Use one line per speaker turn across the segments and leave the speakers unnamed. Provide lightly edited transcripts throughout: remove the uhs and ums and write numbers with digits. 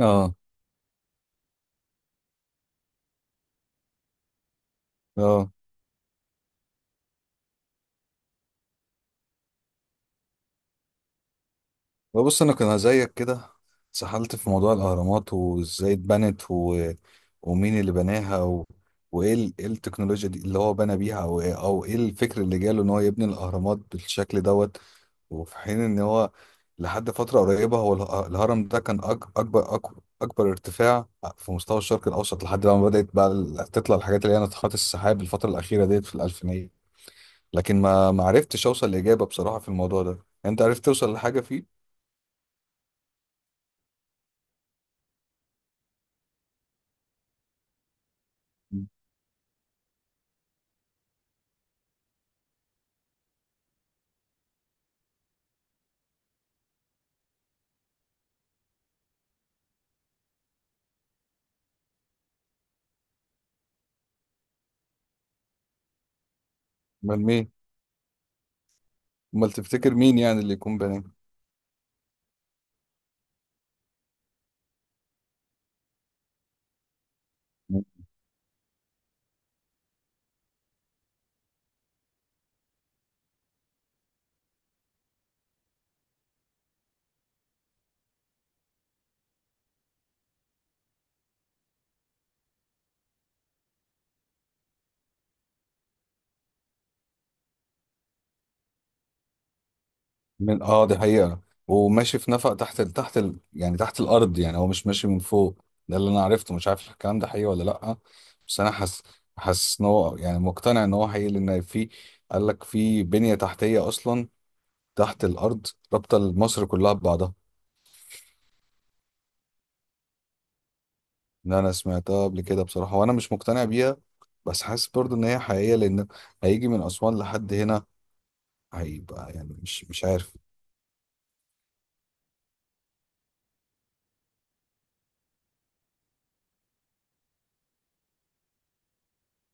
اه. اه. بص انا كان زيك كده، سحلت في موضوع الاهرامات وازاي اتبنت ومين اللي بناها إيه التكنولوجيا دي اللي هو بنى بيها، او ايه الفكر اللي جاله ان هو يبني الاهرامات بالشكل دوت. وفي حين ان هو لحد فترة قريبة الهرم ده كان اكبر ارتفاع في مستوى الشرق الاوسط لحد لما بدأت بقى تطلع الحاجات اللي هي ناطحات السحاب الفترة الاخيرة ديت في الالفينية. لكن ما عرفتش اوصل لاجابة بصراحة في الموضوع ده. انت عرفت توصل لحاجة فيه؟ امال مين؟ امال تفتكر مين يعني اللي يكون بني؟ من، اه، دي حقيقة. وماشي في نفق تحت يعني تحت الارض، يعني هو مش ماشي من فوق. ده اللي انا عرفته، مش عارف الكلام ده حقيقي ولا لا. بس انا حاسس، حاسس ان هو يعني مقتنع ان هو حقيقي. لان قال لك في بنية تحتية اصلا تحت الارض، رابطة مصر كلها ببعضها. ان انا سمعتها قبل كده بصراحة وانا مش مقتنع بيها، بس حاسس برضو ان هي حقيقية. لان هيجي من اسوان لحد هنا، هيبقى يعني مش عارف.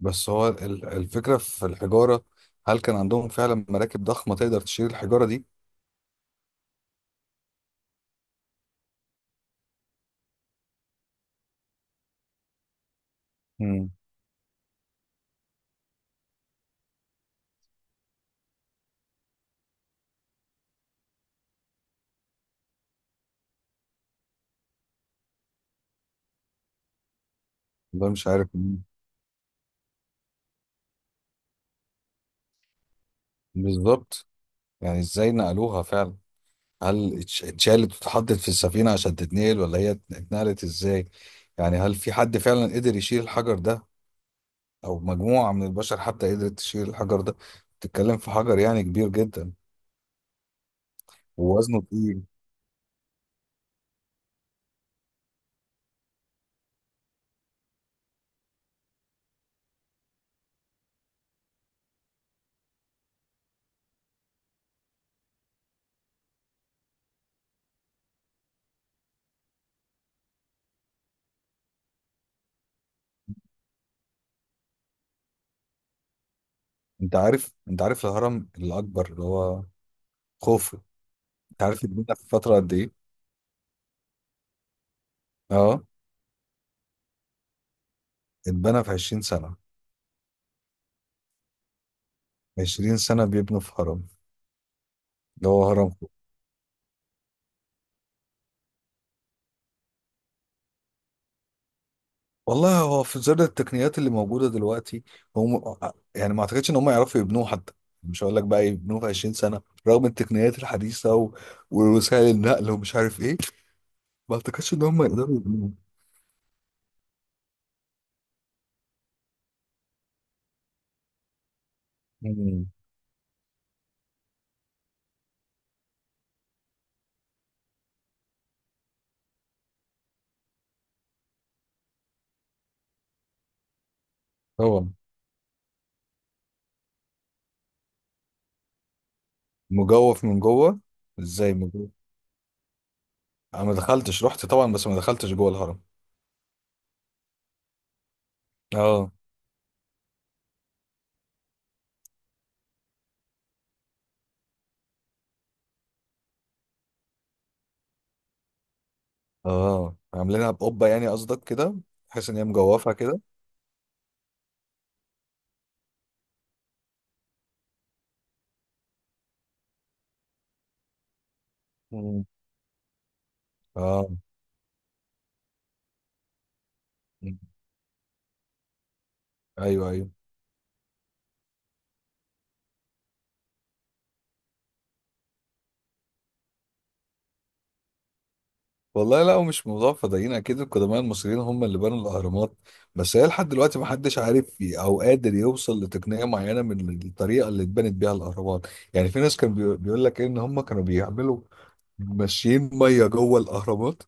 بس هو الفكرة في الحجارة، هل كان عندهم فعلا مراكب ضخمة تقدر تشيل الحجارة دي؟ مم. ده مش عارف. بالظبط. يعني ازاي نقلوها فعلا؟ هل اتشالت واتحطت في السفينة عشان تتنقل ولا هي اتنقلت ازاي؟ يعني هل في حد فعلا قدر يشيل الحجر ده او مجموعة من البشر حتى قدرت تشيل الحجر ده؟ تتكلم في حجر يعني كبير جدا ووزنه تقيل. انت عارف، انت عارف الهرم الاكبر اللي هو خوفو، انت عارف اتبنى في فترة قد ايه؟ اه. اتبنى في 20 سنة. 20 سنة بيبنوا في هرم، اللي هو هرم خوف. والله هو في ظل التقنيات اللي موجودة دلوقتي، هم يعني ما اعتقدش ان هم يعرفوا يبنوه حتى، مش هقول لك بقى يبنوه في 20 سنة رغم التقنيات الحديثة ووسائل النقل ومش عارف ايه. ما اعتقدش ان هم يقدروا يبنوه. مم. طبعا، مجوف من جوه. ازاي مجوف؟ انا ما دخلتش، رحت طبعا بس ما دخلتش جوه الهرم. اه. اه، عاملينها بقبة يعني قصدك كده، بحيث ان هي مجوفة كده. مم. اه، ايوه ايوه. والله لا، ومش موضوع فضائيين، اكيد القدماء المصريين هم اللي بنوا الاهرامات. بس هي لحد دلوقتي ما حدش عارف او قادر يوصل لتقنيه معينه من الطريقه اللي اتبنت بيها الاهرامات. يعني في ناس كان بيقول لك ان هم كانوا بيعملوا ماشيين ميه جوه الاهرامات،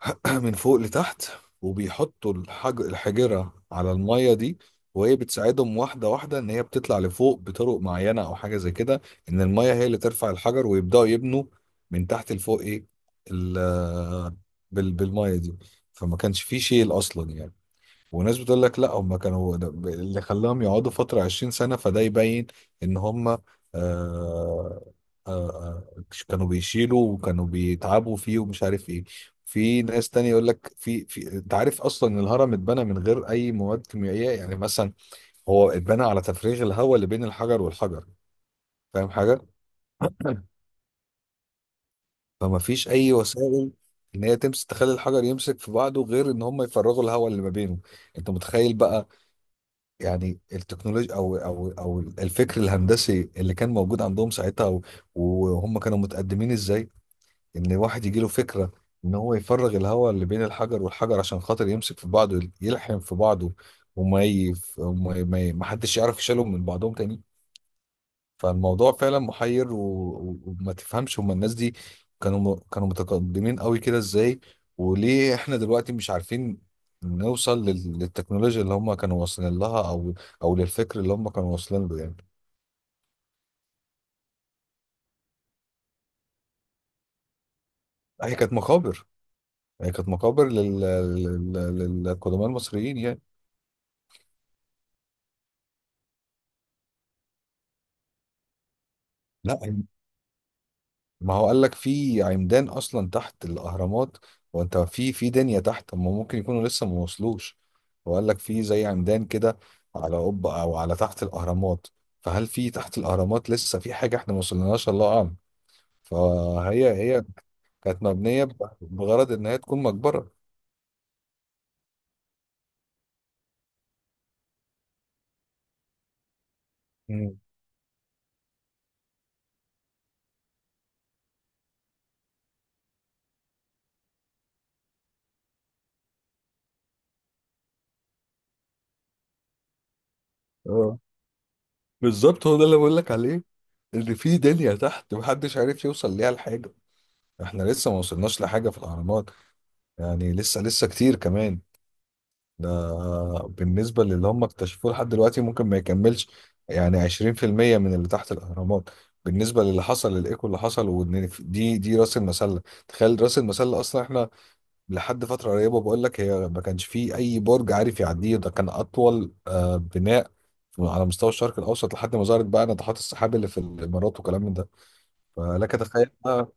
من فوق لتحت، وبيحطوا الحجرة على المية دي، وهي بتساعدهم واحدة واحدة إن هي بتطلع لفوق بطرق معينة أو حاجة زي كده. إن المية هي اللي ترفع الحجر ويبدأوا يبنوا من تحت لفوق إيه ال... بالمية دي، فما كانش فيه شيل أصلا يعني. وناس بتقول لك لا، هم كانوا اللي خلاهم يقعدوا فترة 20 سنة، فده يبين ان هم آه كانوا بيشيلوا وكانوا بيتعبوا فيه ومش عارف ايه. في ناس تانية يقول لك في انت عارف اصلا ان الهرم اتبنى من غير اي مواد كيميائية، يعني مثلا هو اتبنى على تفريغ الهواء اللي بين الحجر والحجر. فاهم حاجة؟ فما فيش اي وسائل ان هي تمسك تخلي الحجر يمسك في بعضه غير ان هم يفرغوا الهواء اللي ما بينه. انت متخيل بقى يعني التكنولوجيا او الفكر الهندسي اللي كان موجود عندهم ساعتها وهم كانوا متقدمين ازاي. ان واحد يجي له فكره ان هو يفرغ الهواء اللي بين الحجر والحجر عشان خاطر يمسك في بعضه يلحم في بعضه، وما ي... وما ي... ما ي... ما حدش يعرف يشيلهم من بعضهم تاني. فالموضوع فعلا محير وما تفهمش هما الناس دي كانوا متقدمين قوي كده ازاي، وليه احنا دلوقتي مش عارفين نوصل للتكنولوجيا اللي هما كانوا واصلين لها او او للفكر اللي هما كانوا واصلين له يعني. هي كانت مقابر، هي كانت مقابر للقدماء المصريين يعني. لا، ما هو قال لك في عمدان اصلا تحت الاهرامات، وانت في دنيا تحت، هم ممكن يكونوا لسه ما وصلوش. وقال لك في زي عمدان كده على قبة او على تحت الاهرامات، فهل في تحت الاهرامات لسه في حاجه احنا ما وصلناش، الله اعلم. فهي هي كانت مبنيه بغرض ان هي تكون مقبره. مم. اه، بالظبط هو ده اللي بقول لك عليه، ان في دنيا تحت محدش عارف يوصل ليها لحاجه. احنا لسه ما وصلناش لحاجه في الاهرامات، يعني لسه لسه كتير كمان. ده بالنسبة للي هم اكتشفوه لحد دلوقتي، ممكن ما يكملش يعني 20% من اللي تحت الأهرامات، بالنسبة للي حصل الإيكو اللي حصل وإن دي رأس المسلة. تخيل رأس المسلة أصلا، إحنا لحد فترة قريبة بقول لك هي ما كانش فيه أي برج عارف يعديه، ده كان أطول بناء على مستوى الشرق الأوسط لحد ما ظهرت بقى ناطحات السحاب اللي في الإمارات وكلام من ده. فلك تخيل بقى.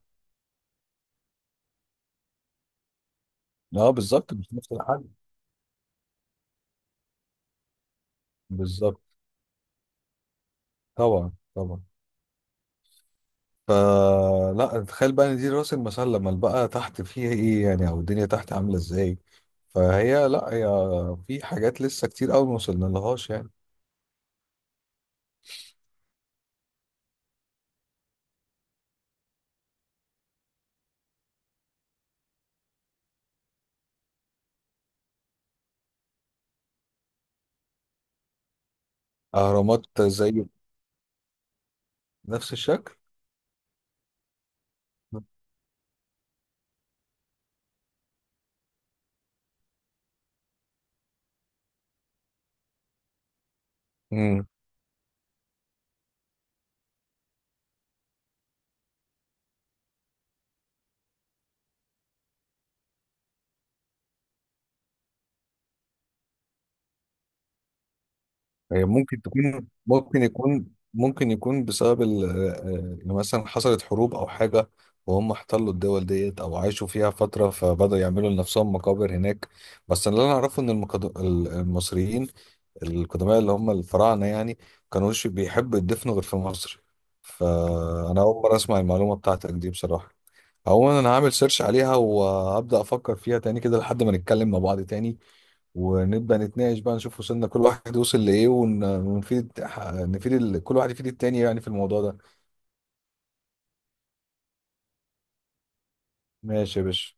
اه، بالظبط مش نفس الحاجة. بالظبط. طبعا طبعا. فلا تخيل بقى ان دي راس المسله، لما بقى تحت فيها ايه يعني او الدنيا تحت عامله ازاي. فهي لا، هي في حاجات لسه كتير قوي ما وصلنا لهاش يعني. اهرامات زي. نفس الشكل. مم. هي ممكن تكون، ممكن يكون بسبب إن مثلا حصلت حروب او حاجه، وهم احتلوا الدول ديت او عاشوا فيها فتره، فبدأوا يعملوا لنفسهم مقابر هناك. بس اللي انا اعرفه ان المصريين القدماء اللي هم الفراعنه يعني كانوش بيحبوا يدفنوا غير في مصر. فانا اول مره اسمع المعلومه بتاعتك دي بصراحه. عموما انا هعمل سيرش عليها وهبدأ افكر فيها تاني كده لحد ما نتكلم مع بعض تاني، ونبدأ نتناقش بقى نشوف وصلنا كل واحد وصل لإيه، ونفيد، نفيد كل واحد يفيد التاني يعني في الموضوع ده. ماشي يا باشا.